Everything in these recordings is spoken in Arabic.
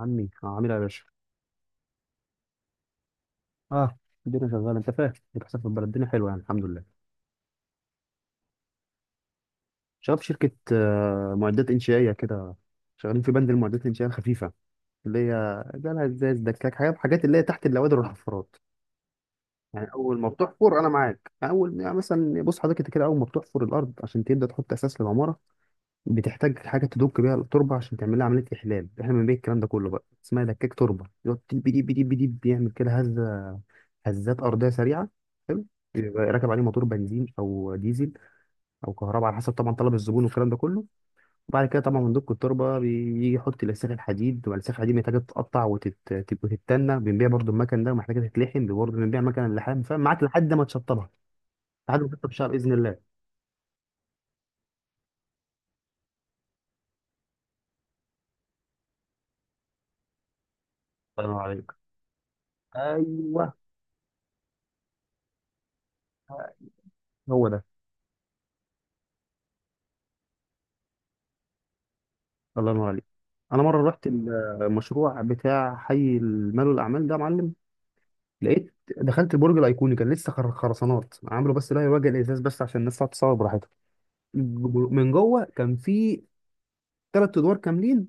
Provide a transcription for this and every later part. عمي عاملها يا باشا. اه الدنيا شغاله، انت فاهم اللي بيحصل في البلد، الدنيا حلوه يعني الحمد لله. شغال في شركه، معدات انشائيه كده. شغالين في بند المعدات الانشائيه الخفيفه، اللي هي جالها ازاز دكاك حاجات اللي هي تحت النوادر والحفارات. يعني اول ما بتحفر، انا معاك، يعني اول يعني مثلا بص حضرتك انت كده، اول ما بتحفر الارض عشان تبدا تحط اساس للعماره، بتحتاج حاجه تدك بيها التربه عشان تعمل لها عمليه احلال. احنا بنبيع الكلام ده كله بقى، اسمها دكاك تربه، يقعد ديب ديب ديب ديب، بيعمل كده هزه، هزات ارضيه سريعه. حلو. يبقى راكب عليه موتور بنزين او ديزل او كهرباء، على حسب طبعا طلب الزبون والكلام ده كله. وبعد كده طبعا مندوب التربه بيجي يحط الاسلاخ الحديد، والاسلاخ الحديد محتاجه تتقطع وتتنى، بنبيع برضو المكن ده، ومحتاجه تتلحم برضو، بنبيع مكن اللحام، فاهم معاك، لحد ما تشطبها. لحد ما تشطب شعر باذن الله. الله ينور عليك. ايوه. هو ده. الله ينور عليك. انا مره رحت المشروع بتاع حي المال والاعمال ده يا معلم. لقيت دخلت البرج الايقوني، كان لسه خرسانات عملوا، بس لا يواجه الازاز بس عشان الناس تقعد تصور براحتها. من جوه كان في ثلاث ادوار كاملين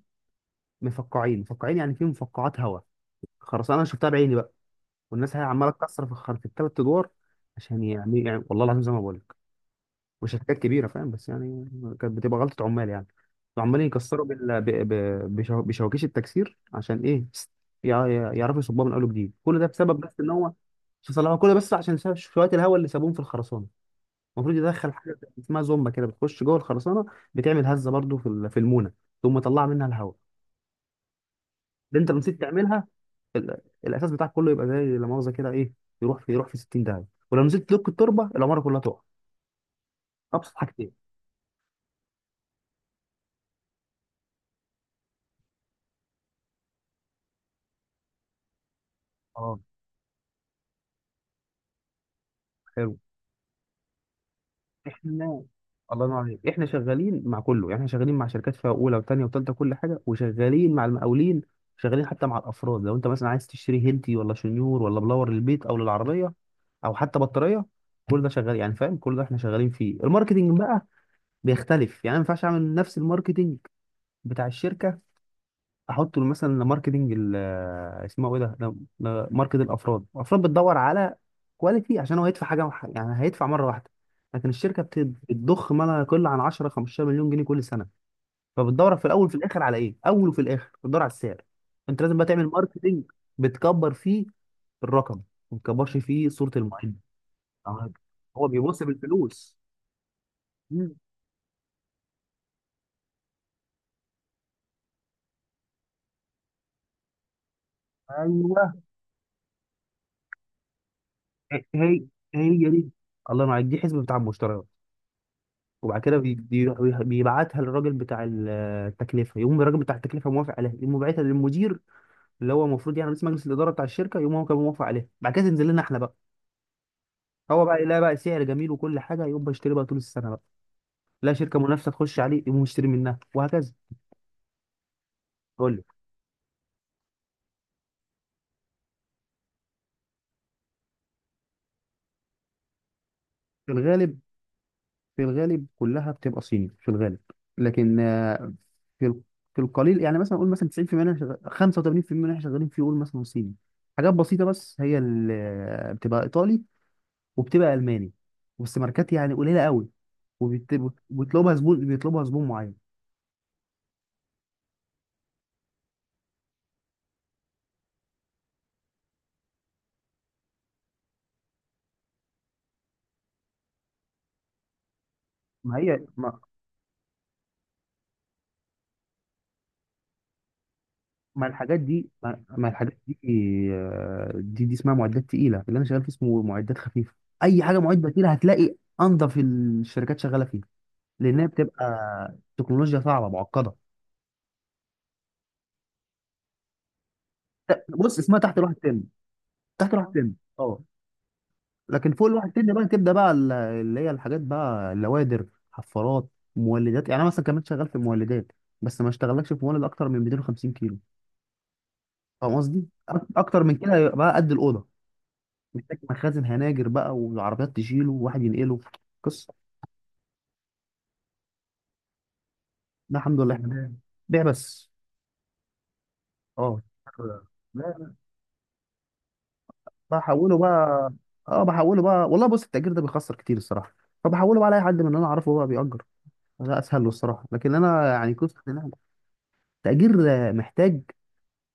مفقعين مفقعين، يعني في مفقعات هواء، خرسانه انا شفتها بعيني بقى. والناس هي عماله تكسر في في الثلاث ادوار عشان يعني، والله العظيم زي ما بقول، مش حاجات كبيره فاهم، بس يعني كانت بتبقى غلطه عمال يعني. عمالين يكسروا بال... ب... ب... بشو... بشواكيش التكسير، عشان ايه؟ يع... يعرفوا يصبوها من اول وجديد. كل ده بسبب بس ان هو، شو صلاح كل ده، بس عشان ساب شويه الهواء اللي سابوهم في الخرسانه. المفروض يدخل حاجه اسمها زومبا كده، بتخش جوه الخرسانه، بتعمل هزه برضو في في المونه، ثم تطلع منها الهواء. اللي انت لو نسيت تعملها، ال... الاساس بتاعك كله يبقى زي لا مؤاخذه كده ايه، يروح في 60 داهيه. ولو نسيت تلك التربه العماره كلها تقع. ابسط حاجتين. اه حلو. احنا، الله ينور عليك، احنا شغالين مع كله يعني، احنا شغالين مع شركات فيها اولى وثانيه وثالثه كل حاجه، وشغالين مع المقاولين، شغالين حتى مع الافراد. لو انت مثلا عايز تشتري هيلتي ولا شنيور ولا بلور للبيت او للعربيه او حتى بطاريه، كل ده شغال يعني فاهم، كل ده احنا شغالين فيه. الماركتنج بقى بيختلف، يعني أنا ما ينفعش اعمل نفس الماركتنج بتاع الشركه احط له مثلا ماركتنج ال- اسمه ايه ده لا- لا، ماركت الافراد. الافراد بتدور على كواليتي، عشان هو يدفع حاجه يعني هيدفع مره واحده. لكن الشركه بتضخ ما لا يقل عن 10 15 مليون جنيه كل سنه، فبتدور في الاول وفي الاخر على ايه، اول وفي الاخر بتدور على السعر. انت لازم بقى تعمل ماركتنج بتكبر فيه الرقم، ما بتكبرش فيه صوره المعلم. آه، هو بيبص بالفلوس. مم. ايوه. هي هي دي. الله ينور عليك، دي حسبه بتاع المشتريات، وبعد كده بيروح بيبعتها للراجل بتاع التكلفه، يقوم الراجل بتاع التكلفه موافق عليها، يقوم باعتها للمدير، اللي هو المفروض يعني رئيس مجلس الاداره بتاع الشركه، يقوم هو كان موافق عليها، بعد كده تنزل لنا احنا بقى. هو بقى يلاقي بقى سعر جميل وكل حاجه، يقوم بيشتري بقى طول السنه بقى، لا شركه منافسه تخش عليه يقوم مشتري منها، وهكذا. قول لي. في الغالب. في الغالب كلها بتبقى صيني في الغالب، لكن في ال- في القليل يعني مثلا نقول مثلا 90% منها شغال، 85% منها شغالين في، يقول مثلا صيني. حاجات بسيطة بس هي اللي بتبقى إيطالي وبتبقى الماني، بس ماركات يعني قليله قوي، وبيطلبها زبون، بيطلبها زبون معين. ما هي ما, ما الحاجات دي ما, ما الحاجات دي دي اسمها معدات تقيله. اللي انا شغال فيه اسمه معدات خفيفه. اي حاجه معده تقيله هتلاقي انضف الشركات شغاله فيها، لانها بتبقى تكنولوجيا صعبه معقده. بص، اسمها تحت الواحد تم. تحت الواحد تم اه، لكن فوق الواحد تاني بقى تبدا بقى اللي هي الحاجات بقى اللوادر، حفارات، مولدات. يعني انا مثلا كمان شغال في المولدات، بس ما اشتغلكش في مولد اكتر من 250 كيلو. فاهم قصدي؟ اكتر من كده يبقى بقى قد الاوضه، محتاج مخازن، هناجر بقى، والعربيات تشيله وواحد ينقله، قصه. ده الحمد لله احنا بنبيع، بيع بس. اه. لا، بحوله بقى. اه بحوله بقى. والله بص، التأجير ده بيخسر كتير الصراحه، فبحوله بقى لاي حد من اللي انا اعرفه بقى بيأجر، ده اسهل له الصراحه. لكن انا يعني قصه إن أنا تأجير محتاج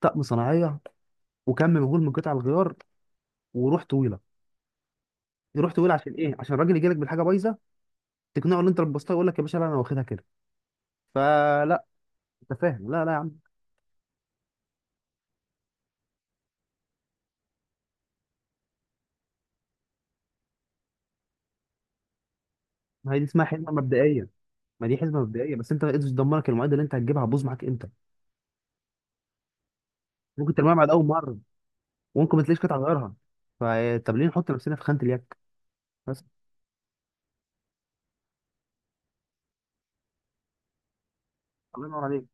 طقم صناعيه، وكم مهول من قطع الغيار، وروح طويله، روح طويله. عشان ايه؟ عشان الراجل يجي لك بالحاجه بايظه، تقنعه ان انت لبستها، يقول لك يا باشا لا انا واخدها كده، فلا. انت فاهم، لا لا يا عم. ما هي دي اسمها حزمه مبدئيه. ما دي حزمه مبدئيه بس انت ايدز تدمرك، المعده اللي انت هتجيبها هتبوظ معاك امتى؟ ممكن ترميها بعد اول مره، وممكن ما تلاقيش قطع غيارها. فطب ليه نحط نفسنا في خانه اليك؟ بس. الله ينور عليك.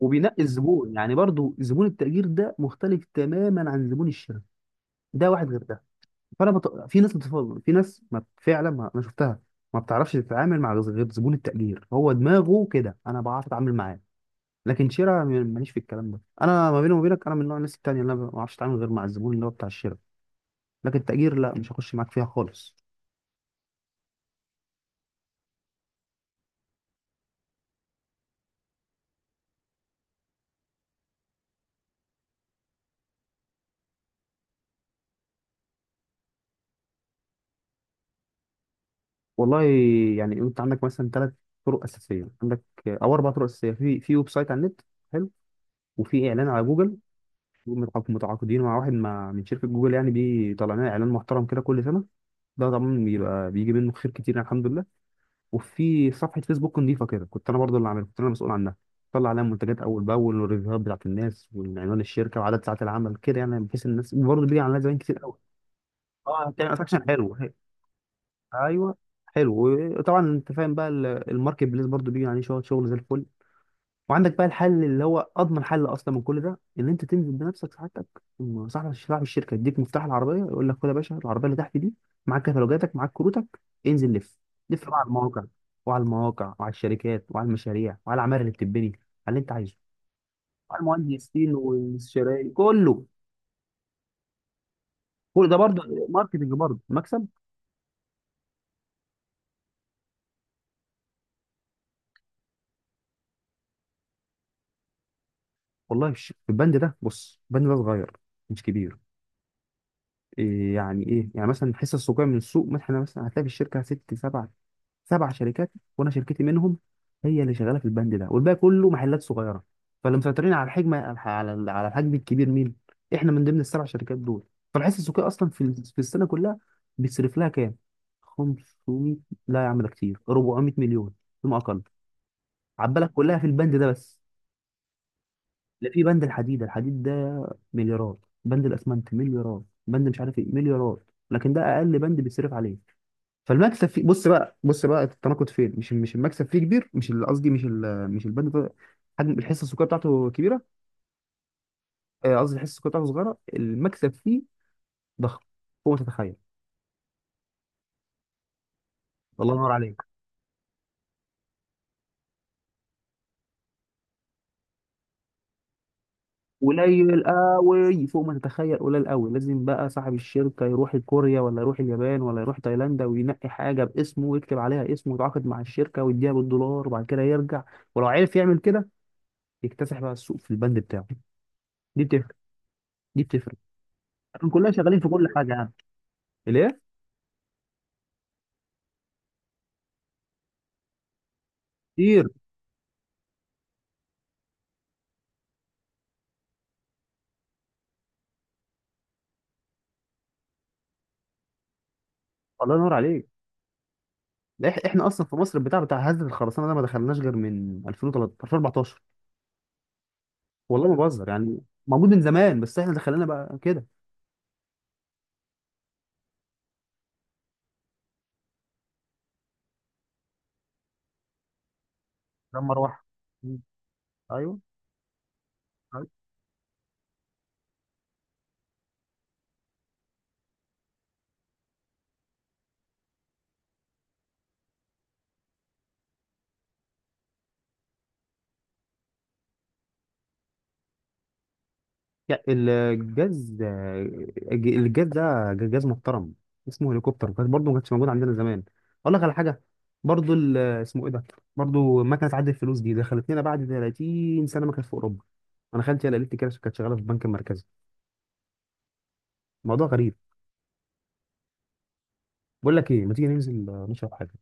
وبينقي الزبون يعني. برضو زبون التأجير ده مختلف تماما عن زبون الشراء، ده واحد غير ده. فانا في ناس بتفضل، في ناس ما فعلا ما... انا شفتها ما بتعرفش تتعامل مع غير زبون التقدير، هو دماغه كده، انا بعرف اتعامل معاه، لكن شراء ماليش في الكلام ده انا. ما بيني وما بينك انا من نوع الناس التانية، اللي انا ما بعرفش اتعامل غير مع الزبون اللي هو بتاع الشراء، لكن التقدير لا، مش هخش معاك فيها خالص. والله يعني انت عندك مثلا ثلاث طرق اساسيه، عندك او اربع طرق اساسيه، في في ويب سايت على النت. حلو. وفي اعلان على جوجل، متعاقدين مع واحد مع من شركه جوجل، يعني بيطلع لنا اعلان محترم كده كل سنه، ده طبعا بيبقى بيجي منه خير كتير يعني، الحمد لله. وفي صفحه فيسبوك نظيفه كده، كنت انا برضه اللي عاملها، كنت انا مسؤول عنها، طلع عليها منتجات اول باول، والريفيوهات بتاعت الناس، وعنوان الشركه، وعدد ساعات العمل كده يعني، بحيث الناس، وبرضه بيجي عليها زباين كتير قوي. اه بتعمل اتراكشن حلو. ايوه. حلو. وطبعا انت فاهم بقى الماركت بليس برضه بيجي عليه شغل، شغل زي الفل. وعندك بقى الحل اللي هو اضمن حل اصلا من كل ده، ان انت تنزل بنفسك سعادتك، وم- صاحب صاحب الشركه يديك مفتاح العربيه، يقول لك خد يا باشا العربيه اللي تحت دي، معاك كتالوجاتك، معاك كروتك، انزل لف. لف بقى على المواقع، وعلى المواقع وعلى الشركات وعلى المشاريع وعلى العماير اللي بتتبني، على اللي انت عايزه. وعلى المهندسين والشرايين كله. كل ده برضه ماركتنج، برضه مكسب. والله في في البند ده، بص البند ده صغير، مش كبير. إيه يعني؟ ايه يعني مثلا الحصه السوقيه من السوق، مثلا مثلا هتلاقي في الشركه 6 7 سبع شركات، وانا شركتي منهم، هي اللي شغاله في البند ده والباقي كله محلات صغيره. فاللي مسيطرين على الحجم، على على الحجم الكبير مين؟ احنا من ضمن السبع شركات دول. فالحس السوقي اصلا في السنه كلها بيصرف لها كام؟ 500؟ لا يا عم ده كتير، 400 مليون فيما اقل. عبالك كلها في البند ده بس؟ لا، في بند الحديد. الحديد ده مليارات، بند الاسمنت مليارات، بند مش عارف ايه مليارات، لكن ده اقل بند بيصرف عليه. فالمكسب فيه، بص بقى، بص بقى التناقض فين، مش المكسب فيه كبير، مش البند ده حجم الحصه السكريه بتاعته كبيره. قصدي الحصه السكريه بتاعته صغيره، المكسب فيه ضخم فوق ما تتخيل. الله ينور عليك. قليل قوي فوق ما تتخيل قليل قوي. لازم بقى صاحب الشركه يروح كوريا، ولا يروح اليابان، ولا يروح تايلاند، وينقي حاجه باسمه، ويكتب عليها اسمه، ويتعاقد مع الشركه ويديها بالدولار، وبعد كده يرجع. ولو عرف يعمل كده يكتسح بقى السوق في البند بتاعه. دي بتفرق. دي بتفرق. احنا كلنا شغالين في كل حاجه يعني. ليه؟ كتير. الله ينور عليك. لا، إح- احنا اصلا في مصر البتاع بتاع هزة الخرسانه ده ما دخلناش غير من 2013 2014. والله ما بهزر يعني. موجود من زمان بس احنا دخلنا بقى كده. لما اروح. مم. ايوه. أيوة. يا- الجاز الجاز ده جاز محترم، اسمه هليكوبتر، كان برضه ما كانش موجود عندنا زمان. اقول لك على حاجه، برضه اسمه ايه ده، برضه مكنه عد الفلوس دي دخلت لنا بعد 30 سنه ما كانت في اوروبا. انا خالتي هي اللي قالت لي كده، كانت شغاله في البنك المركزي. موضوع غريب. بقول لك ايه، ما تيجي ننزل نشرب حاجه؟